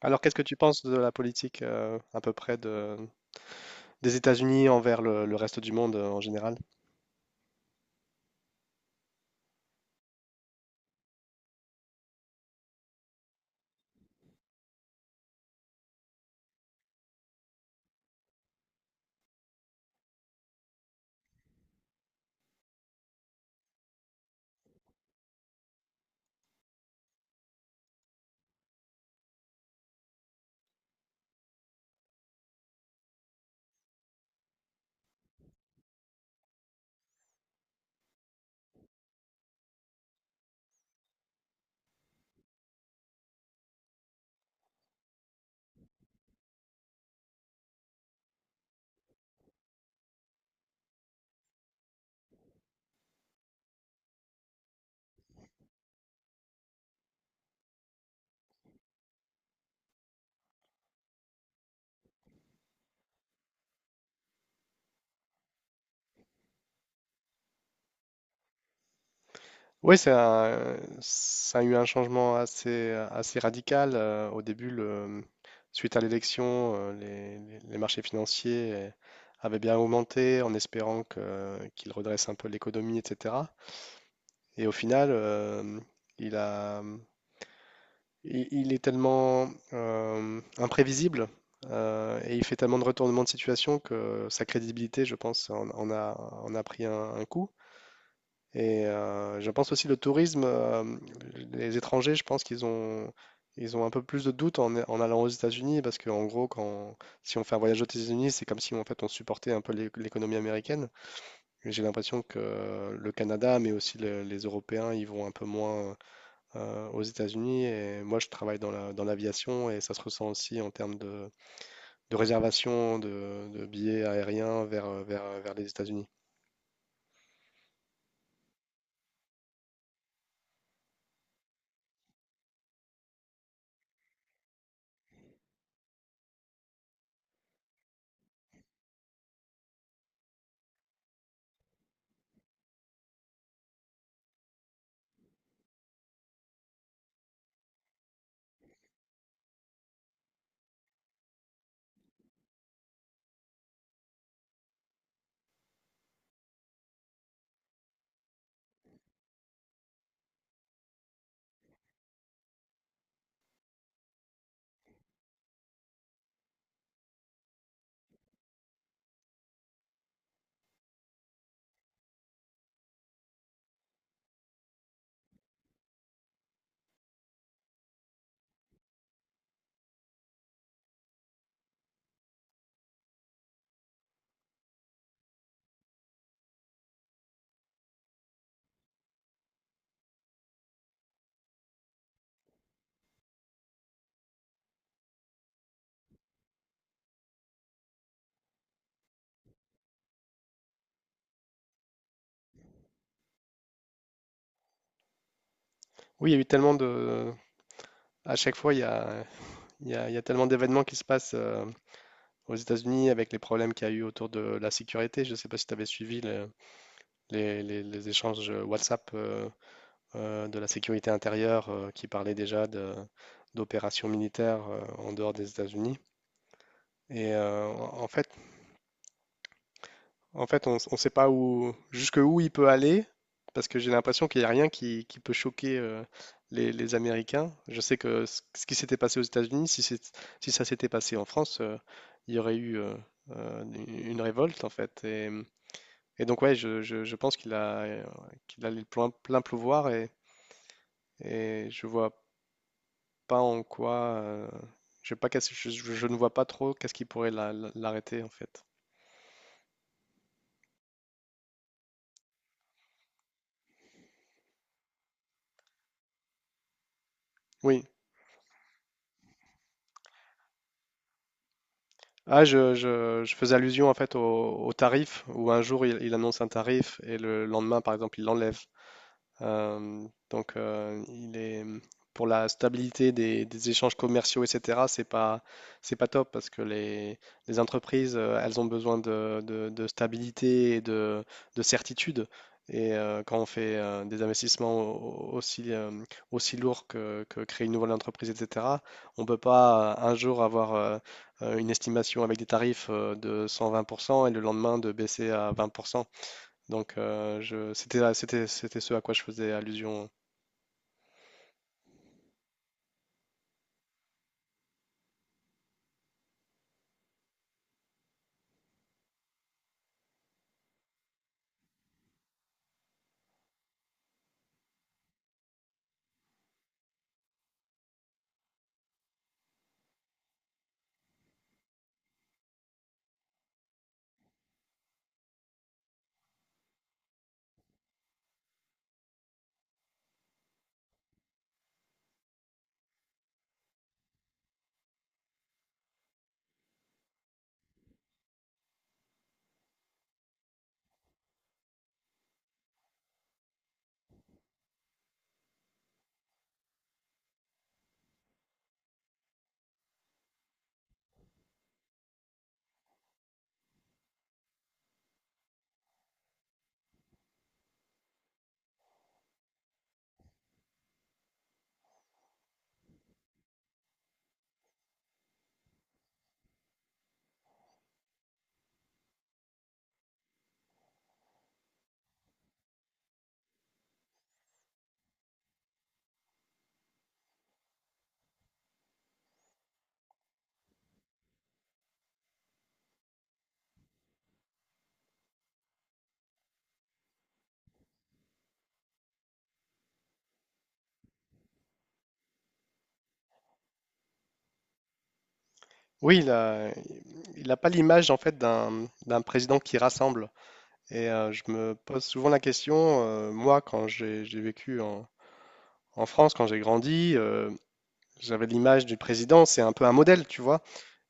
Alors, qu'est-ce que tu penses de la politique à peu près de, des États-Unis envers le reste du monde en général? Oui, ça a eu un changement assez radical. Au début, suite à l'élection, les marchés financiers avaient bien augmenté en espérant qu'il redresse un peu l'économie, etc. Et au final, il a, il est tellement imprévisible et il fait tellement de retournements de situation que sa crédibilité, je pense, en a, en a pris un coup. Et je pense aussi le tourisme, les étrangers, je pense ils ont un peu plus de doutes en allant aux États-Unis parce qu'en gros, si on fait un voyage aux États-Unis, c'est comme si en fait on supportait un peu l'économie américaine. Et j'ai l'impression que le Canada, mais aussi les Européens, ils vont un peu moins aux États-Unis. Et moi, je travaille dans dans l'aviation et ça se ressent aussi en termes de réservation de billets aériens vers les États-Unis. Oui, il y a eu tellement de... À chaque fois, il y a tellement d'événements qui se passent aux États-Unis avec les problèmes qu'il y a eu autour de la sécurité. Je ne sais pas si tu avais suivi les échanges WhatsApp de la sécurité intérieure qui parlaient déjà d'opérations militaires en dehors des États-Unis. Et en fait, en fait, on ne sait pas où, jusque où il peut aller, parce que j'ai l'impression qu'il n'y a rien qui peut choquer les Américains. Je sais que ce qui s'était passé aux États-Unis, si, si ça s'était passé en France, il y aurait eu une révolte, en fait. Et donc, ouais, je pense qu'il a, qu'il a le plein pouvoir et je vois pas en quoi. euh, je sais pas je ne vois pas trop qu'est-ce qui pourrait l'arrêter, en fait. Oui, ah, je faisais allusion en fait au tarif où un jour il annonce un tarif et le lendemain par exemple il l'enlève. Il est pour la stabilité des échanges commerciaux, etc. C'est pas top parce que les entreprises, elles ont besoin de, de stabilité et de certitude. Et quand on fait des investissements aussi aussi lourds que créer une nouvelle entreprise, etc. On ne peut pas un jour avoir une estimation avec des tarifs de 120% et le lendemain de baisser à 20%. Donc, je, c'était ce à quoi je faisais allusion. Oui, il n'a pas l'image en fait d'un président qui rassemble. Et je me pose souvent la question, moi, quand j'ai vécu en France, quand j'ai grandi, j'avais l'image du président, c'est un peu un modèle, tu vois.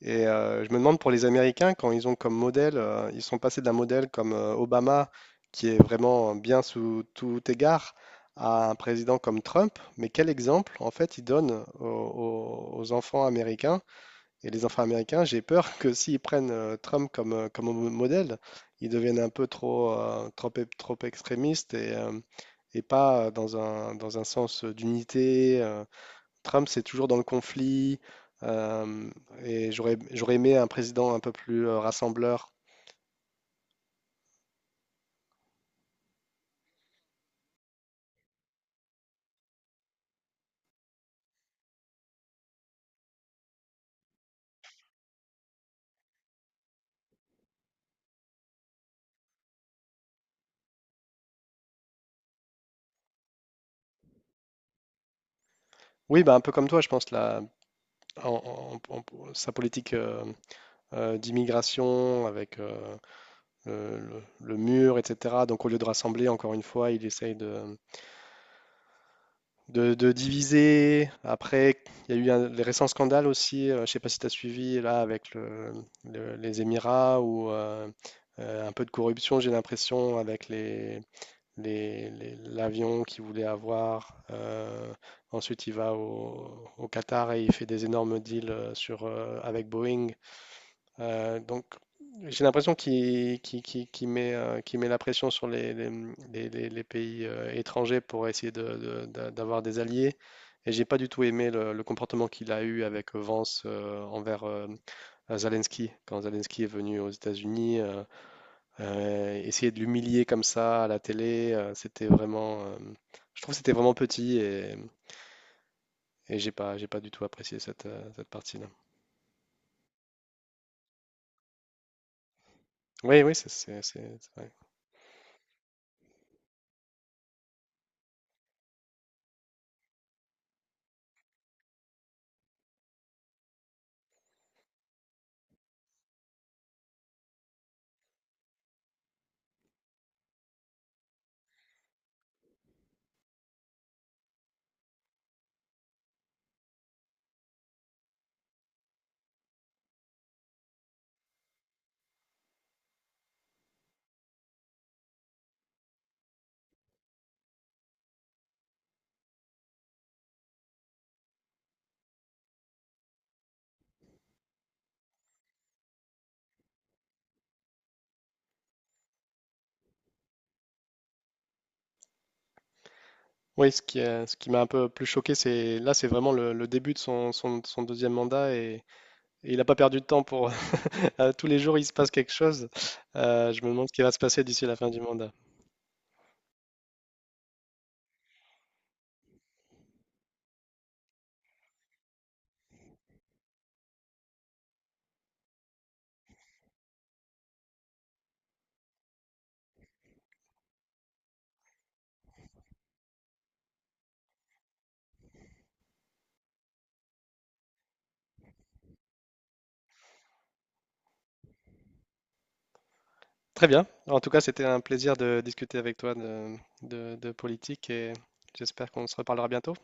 Et je me demande pour les Américains, quand ils ont comme modèle, ils sont passés d'un modèle comme Obama, qui est vraiment bien sous tout égard, à un président comme Trump, mais quel exemple en fait ils donnent aux enfants américains? Et les enfants américains, j'ai peur que s'ils prennent Trump comme, modèle, ils deviennent un peu trop extrémistes et pas dans dans un sens d'unité. Trump, c'est toujours dans le conflit. euh, J'aurais aimé un président un peu plus rassembleur. Oui, bah, un peu comme toi, je pense, la, en- en- en- sa politique d'immigration avec le mur, etc. Donc, au lieu de rassembler, encore une fois, il essaye de diviser. Après, il y a eu les récents scandales aussi. Je ne sais pas si tu as suivi, là, avec les Émirats ou un peu de corruption, j'ai l'impression, avec l'avion qu'il voulait avoir. Ensuite, il va au Qatar et il fait des énormes deals avec Boeing. Euh, donc, j'ai l'impression qu'il met la pression sur les pays étrangers pour essayer d'avoir des alliés. Et j'ai pas du tout aimé le comportement qu'il a eu avec Vance envers Zelensky. Quand Zelensky est venu aux États-Unis, essayer de l'humilier comme ça à la télé, c'était vraiment, je trouve que c'était vraiment petit et j'ai pas du tout apprécié cette, cette partie-là. Oui, oui, c'est vrai. Oui, ce qui m'a un peu plus choqué, c'est là, c'est vraiment le début de son deuxième mandat et il n'a pas perdu de temps pour à tous les jours il se passe quelque chose. Je me demande ce qui va se passer d'ici la fin du mandat. Très bien. En tout cas, c'était un plaisir de discuter avec toi de, de politique et j'espère qu'on se reparlera bientôt.